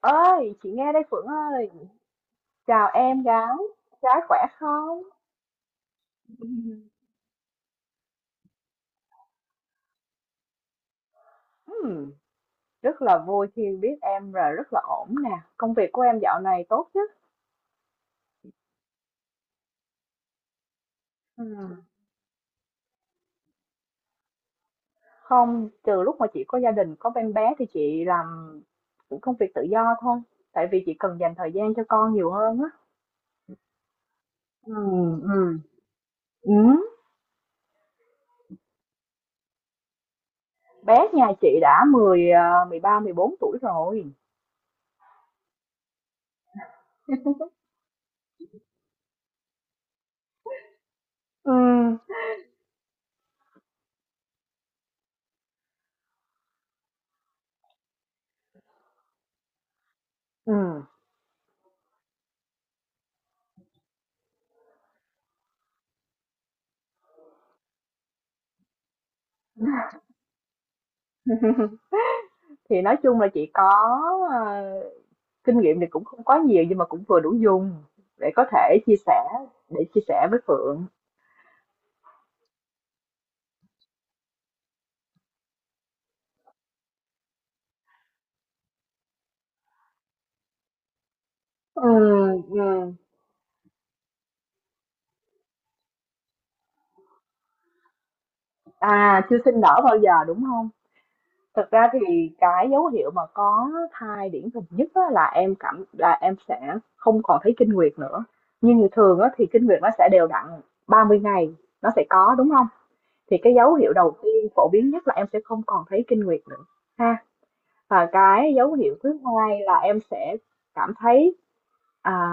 Ơi chị nghe đây Phượng ơi. Chào em gái. Gái khỏe không? Ừm, Rất là vui khi biết em, rồi rất là ổn nè. Công việc của em dạo này tốt chứ? Ừm, Không, từ lúc mà chị có gia đình có em bé thì chị làm công việc tự do thôi, tại vì chị cần dành thời gian cho con nhiều hơn á. Ừm, ừm, ừm. Bé nhà chị đã 13-14 tuổi rồi. Ừm, ừm. Thì nói chung là chị có ờ, kinh nghiệm thì cũng không quá nhiều nhưng mà cũng vừa đủ dùng để có thể chia sẻ, để chia sẻ với Phượng. Ừ, ừ. À, chưa sinh nở bao giờ đúng không? Thật ra thì cái dấu hiệu mà có thai điển hình nhất á, là em cảm là em sẽ không còn thấy kinh nguyệt nữa. Nhưng thường á, thì kinh nguyệt nó sẽ đều đặn 30 ngày, nó sẽ có đúng không? Thì cái dấu hiệu đầu tiên phổ biến nhất là em sẽ không còn thấy kinh nguyệt nữa ha. Và cái dấu hiệu thứ hai là em sẽ cảm thấy à,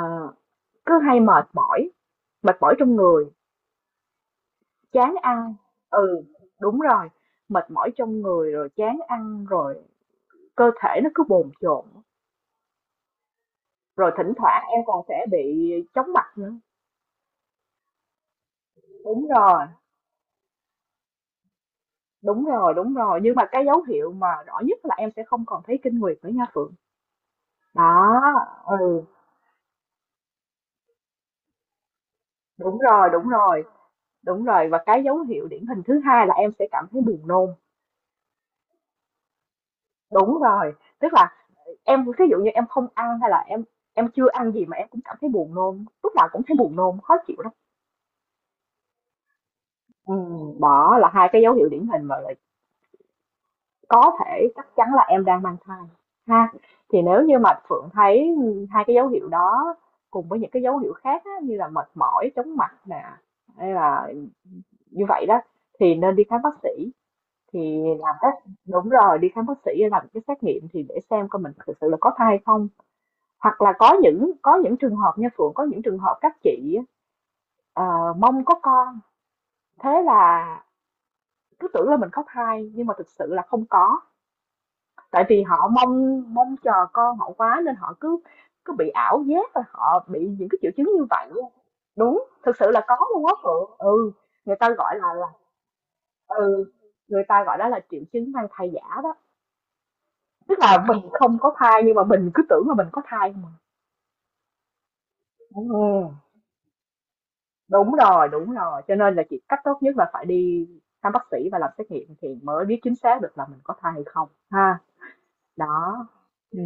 cứ hay mệt mỏi, mệt mỏi trong người, chán ăn. Ừ, đúng rồi, mệt mỏi trong người rồi chán ăn rồi, cơ thể nó cứ bồn chồn, rồi thỉnh thoảng em còn sẽ bị chóng mặt nữa. Đúng rồi. Đúng rồi, nhưng mà cái dấu hiệu mà rõ nhất là em sẽ không còn thấy kinh nguyệt nữa nha Phượng. Đó. Ừ. Đúng rồi, đúng rồi, và cái dấu hiệu điển hình thứ hai là em sẽ cảm thấy buồn nôn. Đúng rồi, tức là em ví dụ như em không ăn hay là em chưa ăn gì mà em cũng cảm thấy buồn nôn, lúc nào cũng thấy buồn nôn, khó chịu lắm. Ừ, đó là hai cái dấu hiệu điển hình mà lại có thể chắc chắn là em đang mang thai ha. Thì nếu như mà Phượng thấy hai cái dấu hiệu đó cùng với những cái dấu hiệu khác á, như là mệt mỏi, chóng mặt nè, hay là như vậy đó, thì nên đi khám bác sĩ, thì làm test. Đúng rồi, đi khám bác sĩ để làm cái xét nghiệm thì để xem coi mình thực sự là có thai hay không. Hoặc là có những trường hợp nha Phượng, có những trường hợp các chị á, mong có con, thế là cứ tưởng là mình có thai nhưng mà thực sự là không có. Tại vì họ mong mong chờ con họ quá, nên họ cứ cứ bị ảo giác và họ bị những cái triệu chứng như vậy luôn. Đúng, thực sự là có luôn á Phượng. Ừ, người ta gọi là ừ, người ta gọi đó là triệu chứng mang thai giả đó. Tức là mình không có thai nhưng mà mình cứ tưởng là mình có thai mà. Ừ. Đúng rồi. Cho nên là chị, cách tốt nhất là phải đi thăm bác sĩ và làm xét nghiệm thì mới biết chính xác được là mình có thai hay không ha. Đó. Ừ.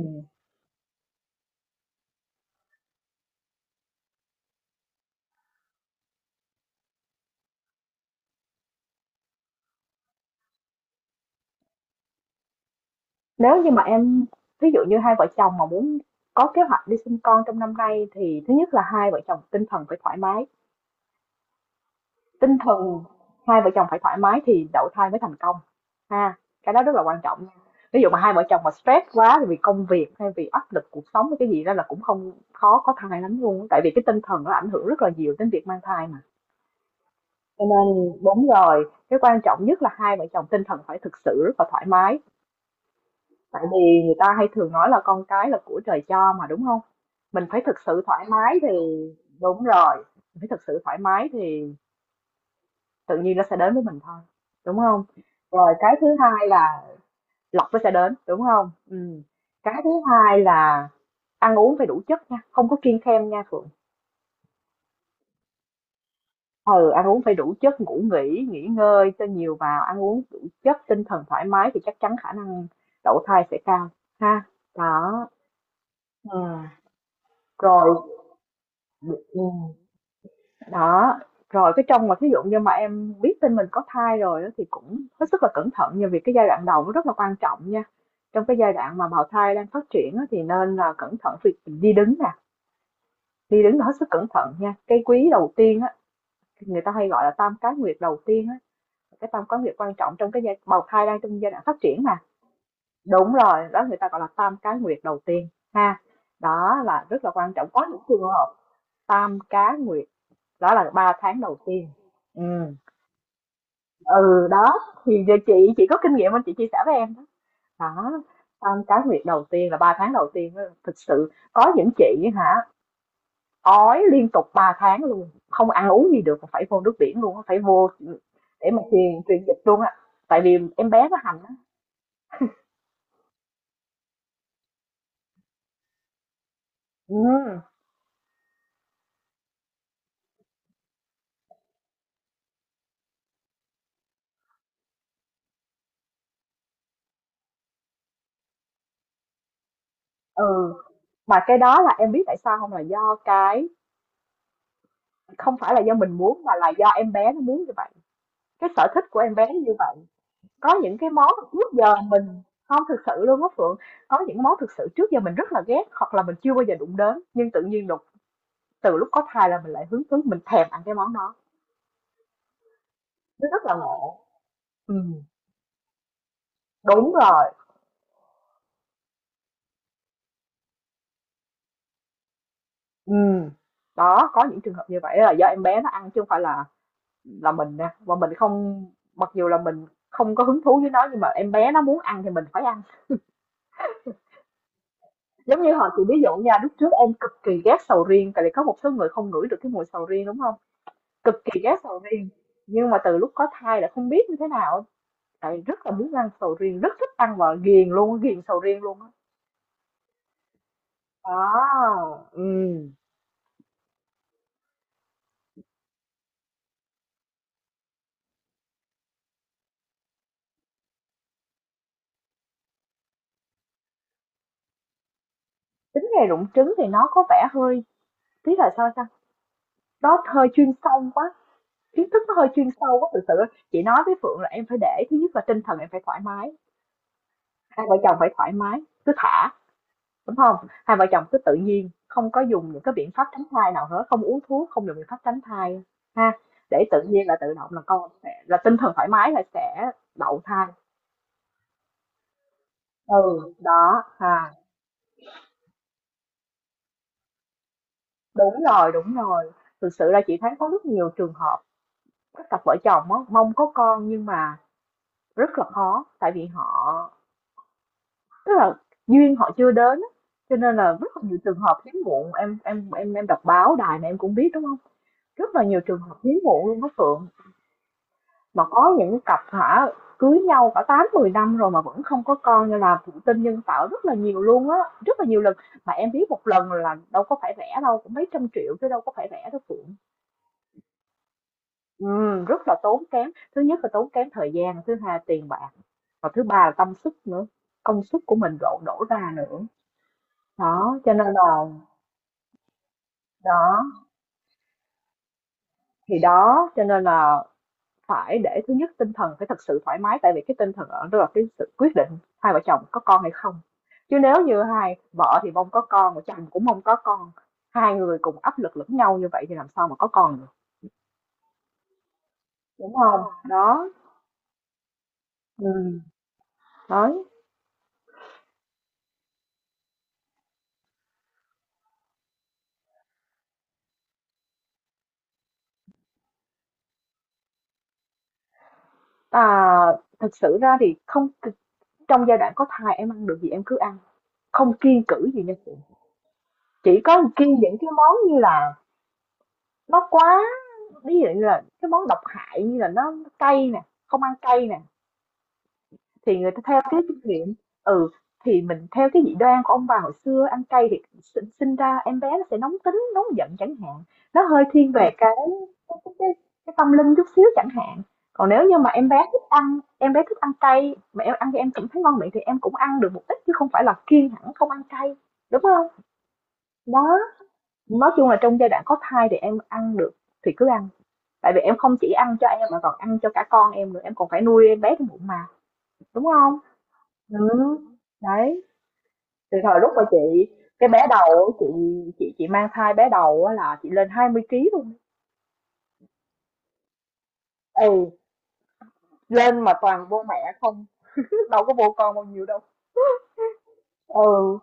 Nếu như mà em, ví dụ như hai vợ chồng mà muốn có kế hoạch đi sinh con trong năm nay, thì thứ nhất là hai vợ chồng tinh thần phải thoải mái, tinh thần hai vợ chồng phải thoải mái thì đậu thai mới thành công ha. Cái đó rất là quan trọng nha. Ví dụ mà hai vợ chồng mà stress quá, thì vì công việc hay vì áp lực cuộc sống hay cái gì đó, là cũng không, khó có thai lắm luôn, tại vì cái tinh thần nó ảnh hưởng rất là nhiều đến việc mang thai mà. Cho nên đúng rồi, cái quan trọng nhất là hai vợ chồng tinh thần phải thực sự rất là thoải mái, tại vì người ta hay thường nói là con cái là của trời cho mà, đúng không? Mình phải thực sự thoải mái thì, đúng rồi, mình phải thực sự thoải mái thì tự nhiên nó sẽ đến với mình thôi, đúng không? Rồi cái thứ hai là lộc nó sẽ đến, đúng không. Cái thứ hai là ăn uống phải đủ chất nha, không có kiêng khem nha Phượng. Ừ, ăn uống phải đủ chất, ngủ nghỉ, nghỉ ngơi cho nhiều vào, ăn uống đủ chất, tinh thần thoải mái thì chắc chắn khả năng đậu thai sẽ cao ha. Đó. Ờ. Rồi, ừm. Đó, rồi cái trong mà thí dụ như mà em biết tin mình có thai rồi đó, thì cũng hết sức là cẩn thận nha, vì cái giai đoạn đầu nó rất là quan trọng nha. Trong cái giai đoạn mà bào thai đang phát triển á, thì nên là cẩn thận việc đi đứng nè, đi đứng là hết sức cẩn thận nha. Cái quý đầu tiên á, người ta hay gọi là tam cá nguyệt đầu tiên á, cái tam cá nguyệt quan trọng trong cái giai bào thai đang trong giai đoạn phát triển mà. Đúng rồi, đó người ta gọi là tam cá nguyệt đầu tiên ha. Đó là rất là quan trọng. Có những trường hợp tam cá nguyệt, đó là 3 tháng đầu tiên. Ừ. Ừ đó, thì giờ chị có kinh nghiệm nên chị chia sẻ với em đó. Đó, xong cái việc đầu tiên là 3 tháng đầu tiên á, thực sự có những chị hả ói liên tục 3 tháng luôn, không ăn uống gì được, phải vô nước biển luôn á, phải vô ừ, để mà truyền truyền dịch luôn á, tại vì em bé nó hành á. Ừ. Ừ, mà cái đó là em biết tại sao không, là do cái, không phải là do mình muốn mà là do em bé nó muốn như vậy, cái sở thích của em bé nó như vậy. Có những cái món trước giờ mình không, thực sự luôn á Phượng, có những món thực sự trước giờ mình rất là ghét hoặc là mình chưa bao giờ đụng đến, nhưng tự nhiên đùng, từ lúc có thai là mình lại hứng thú, mình thèm ăn cái món đó, nó rất là ngộ. Ừm, đúng rồi, ừm. Đó, có những trường hợp như vậy là do em bé nó ăn chứ không phải là mình nha, và mình không, mặc dù là mình không có hứng thú với nó nhưng mà em bé nó muốn ăn thì mình phải ăn. Giống như hồi chị ví dụ nha, lúc trước em cực kỳ ghét sầu riêng, tại vì có một số người không ngửi được cái mùi sầu riêng, đúng không. Cực kỳ ghét sầu riêng, nhưng mà từ lúc có thai là không biết như thế nào á, lại rất là muốn ăn sầu riêng, rất thích ăn và ghiền luôn, ghiền sầu riêng luôn á. Đó, ừm. Tính nghề rụng trứng thì nó có vẻ hơi, tí là sao ta, nó hơi chuyên sâu quá, kiến thức nó hơi chuyên sâu quá thực sự. Chị nói với Phượng là em phải để thứ nhất là tinh thần em phải thoải mái, hai vợ chồng phải thoải mái, cứ thả, đúng không, hai vợ chồng cứ tự nhiên, không có dùng những cái biện pháp tránh thai nào hết, không uống thuốc, không dùng biện pháp tránh thai ha, để tự nhiên là tự động là con sẽ là, tinh thần thoải mái là sẽ đậu thai. Ừ đó ha. Đúng rồi, đúng rồi, thực sự là chị thấy có rất nhiều trường hợp các cặp vợ chồng á, mong có con nhưng mà rất là khó, tại vì họ, tức là duyên họ chưa đến á. Cho nên là rất là nhiều trường hợp hiếm muộn, em đọc báo đài này em cũng biết đúng không, rất là nhiều trường hợp hiếm muộn luôn đó Phượng. Mà có những cặp hả, cưới nhau cả 8-10 năm rồi mà vẫn không có con, nên là thụ tinh nhân tạo rất là nhiều luôn á, rất là nhiều lần. Mà em biết một lần là đâu có phải rẻ đâu, cũng mấy trăm triệu chứ đâu có phải rẻ đâu Phượng. Ừ, rất là tốn kém. Thứ nhất là tốn kém thời gian, thứ hai là tiền bạc, và thứ ba là tâm sức nữa. Công sức của mình đổ đổ ra nữa. Đó, cho nên là, đó, thì đó, cho nên là phải để thứ nhất tinh thần phải thật sự thoải mái, tại vì cái tinh thần ở đó là cái sự quyết định hai vợ chồng có con hay không. Chứ nếu như hai vợ thì mong có con, mà chồng cũng mong có con, hai người cùng áp lực lẫn nhau như vậy thì làm sao mà có con được, đúng không? Đó, ừ, đấy. À, thực sự ra thì không, trong giai đoạn có thai em ăn được gì em cứ ăn, không kiêng cữ gì nha chị. Chỉ có kiêng những cái món như là nó quá, ví dụ như là cái món độc hại, như là nó cay nè, không ăn cay nè, thì người ta theo cái kinh nghiệm, ừ, thì mình theo cái dị đoan của ông bà hồi xưa, ăn cay thì sinh ra em bé nó sẽ nóng tính nóng giận chẳng hạn, nó hơi thiên về cái, cái, cái, cái tâm linh chút xíu chẳng hạn. Còn nếu như mà em bé thích ăn em bé thích ăn cay mà em ăn cho em cảm thấy ngon miệng thì em cũng ăn được một ít, chứ không phải là kiêng hẳn không ăn cay, đúng không? Đó, nói chung là trong giai đoạn có thai thì em ăn được thì cứ ăn, tại vì em không chỉ ăn cho em mà còn ăn cho cả con em nữa, em còn phải nuôi em bé trong bụng mà, đúng không? Ừ, đấy, từ thời lúc mà chị cái bé đầu á, chị mang thai bé đầu á là chị lên 20 kg luôn. Ừ, lên mà toàn vô mẹ không, đâu có vô con bao nhiêu đâu. Ừ,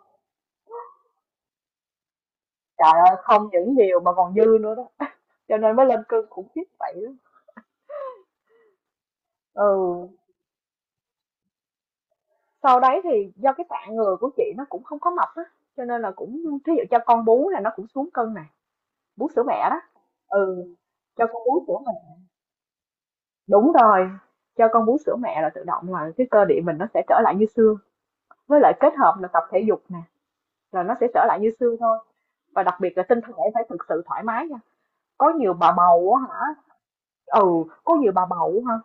trời ơi, không những nhiều mà còn dư nữa đó. Cho nên mới lên cân khủng khiếp vậy đó. Ừ, sau đấy thì do cái tạng người của chị nó cũng không có mập á, cho nên là cũng thí dụ cho con bú là nó cũng xuống cân này, bú sữa mẹ đó. Ừ, cho con bú sữa. Đúng rồi, cho con bú sữa mẹ là tự động là cái cơ địa mình nó sẽ trở lại như xưa. Với lại kết hợp là tập thể dục nè, là nó sẽ trở lại như xưa thôi. Và đặc biệt là tinh thần em phải thực sự thoải mái nha. Có nhiều bà bầu á hả? Ừ, có nhiều bà bầu á hả?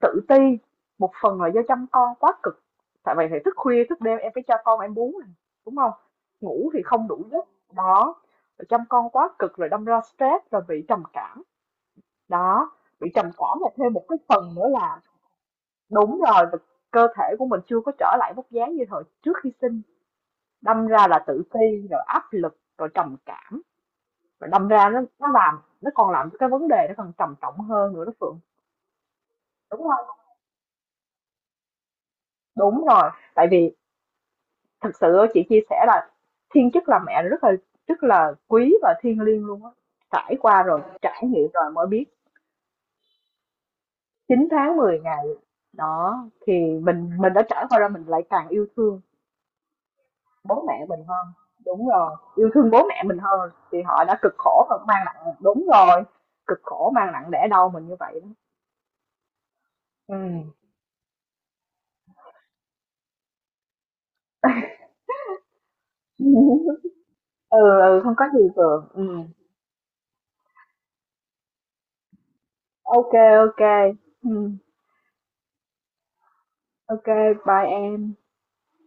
Tự ti, một phần là do chăm con quá cực. Tại vậy thì thức khuya, thức đêm em phải cho con em bú nè, đúng không? Ngủ thì không đủ giấc. Đó, rồi chăm con quá cực rồi đâm ra stress rồi bị trầm cảm. Đó, bị trầm cảm là thêm một cái phần nữa là đúng rồi, và cơ thể của mình chưa có trở lại vóc dáng như thời trước khi sinh, đâm ra là tự ti, rồi áp lực, rồi trầm cảm, và đâm ra nó làm nó còn làm cho cái vấn đề nó còn trầm trọng hơn nữa đó Phượng, đúng không? Đúng rồi, tại vì thực sự chị chia sẻ là thiên chức làm mẹ rất là quý và thiêng liêng luôn á, trải qua rồi, trải nghiệm rồi mới biết, 9 tháng 10 ngày, đó, thì mình đã trải qua rồi mình lại càng yêu thương bố mẹ mình hơn, đúng rồi, yêu thương bố mẹ mình hơn thì họ đã cực khổ và mang nặng, đúng rồi, cực khổ mang nặng đẻ đau mình như vậy đó. Ừm. Ừ, ừ, không có gì Phượng. Ừm. Ok, ok, ô kê. Bye em.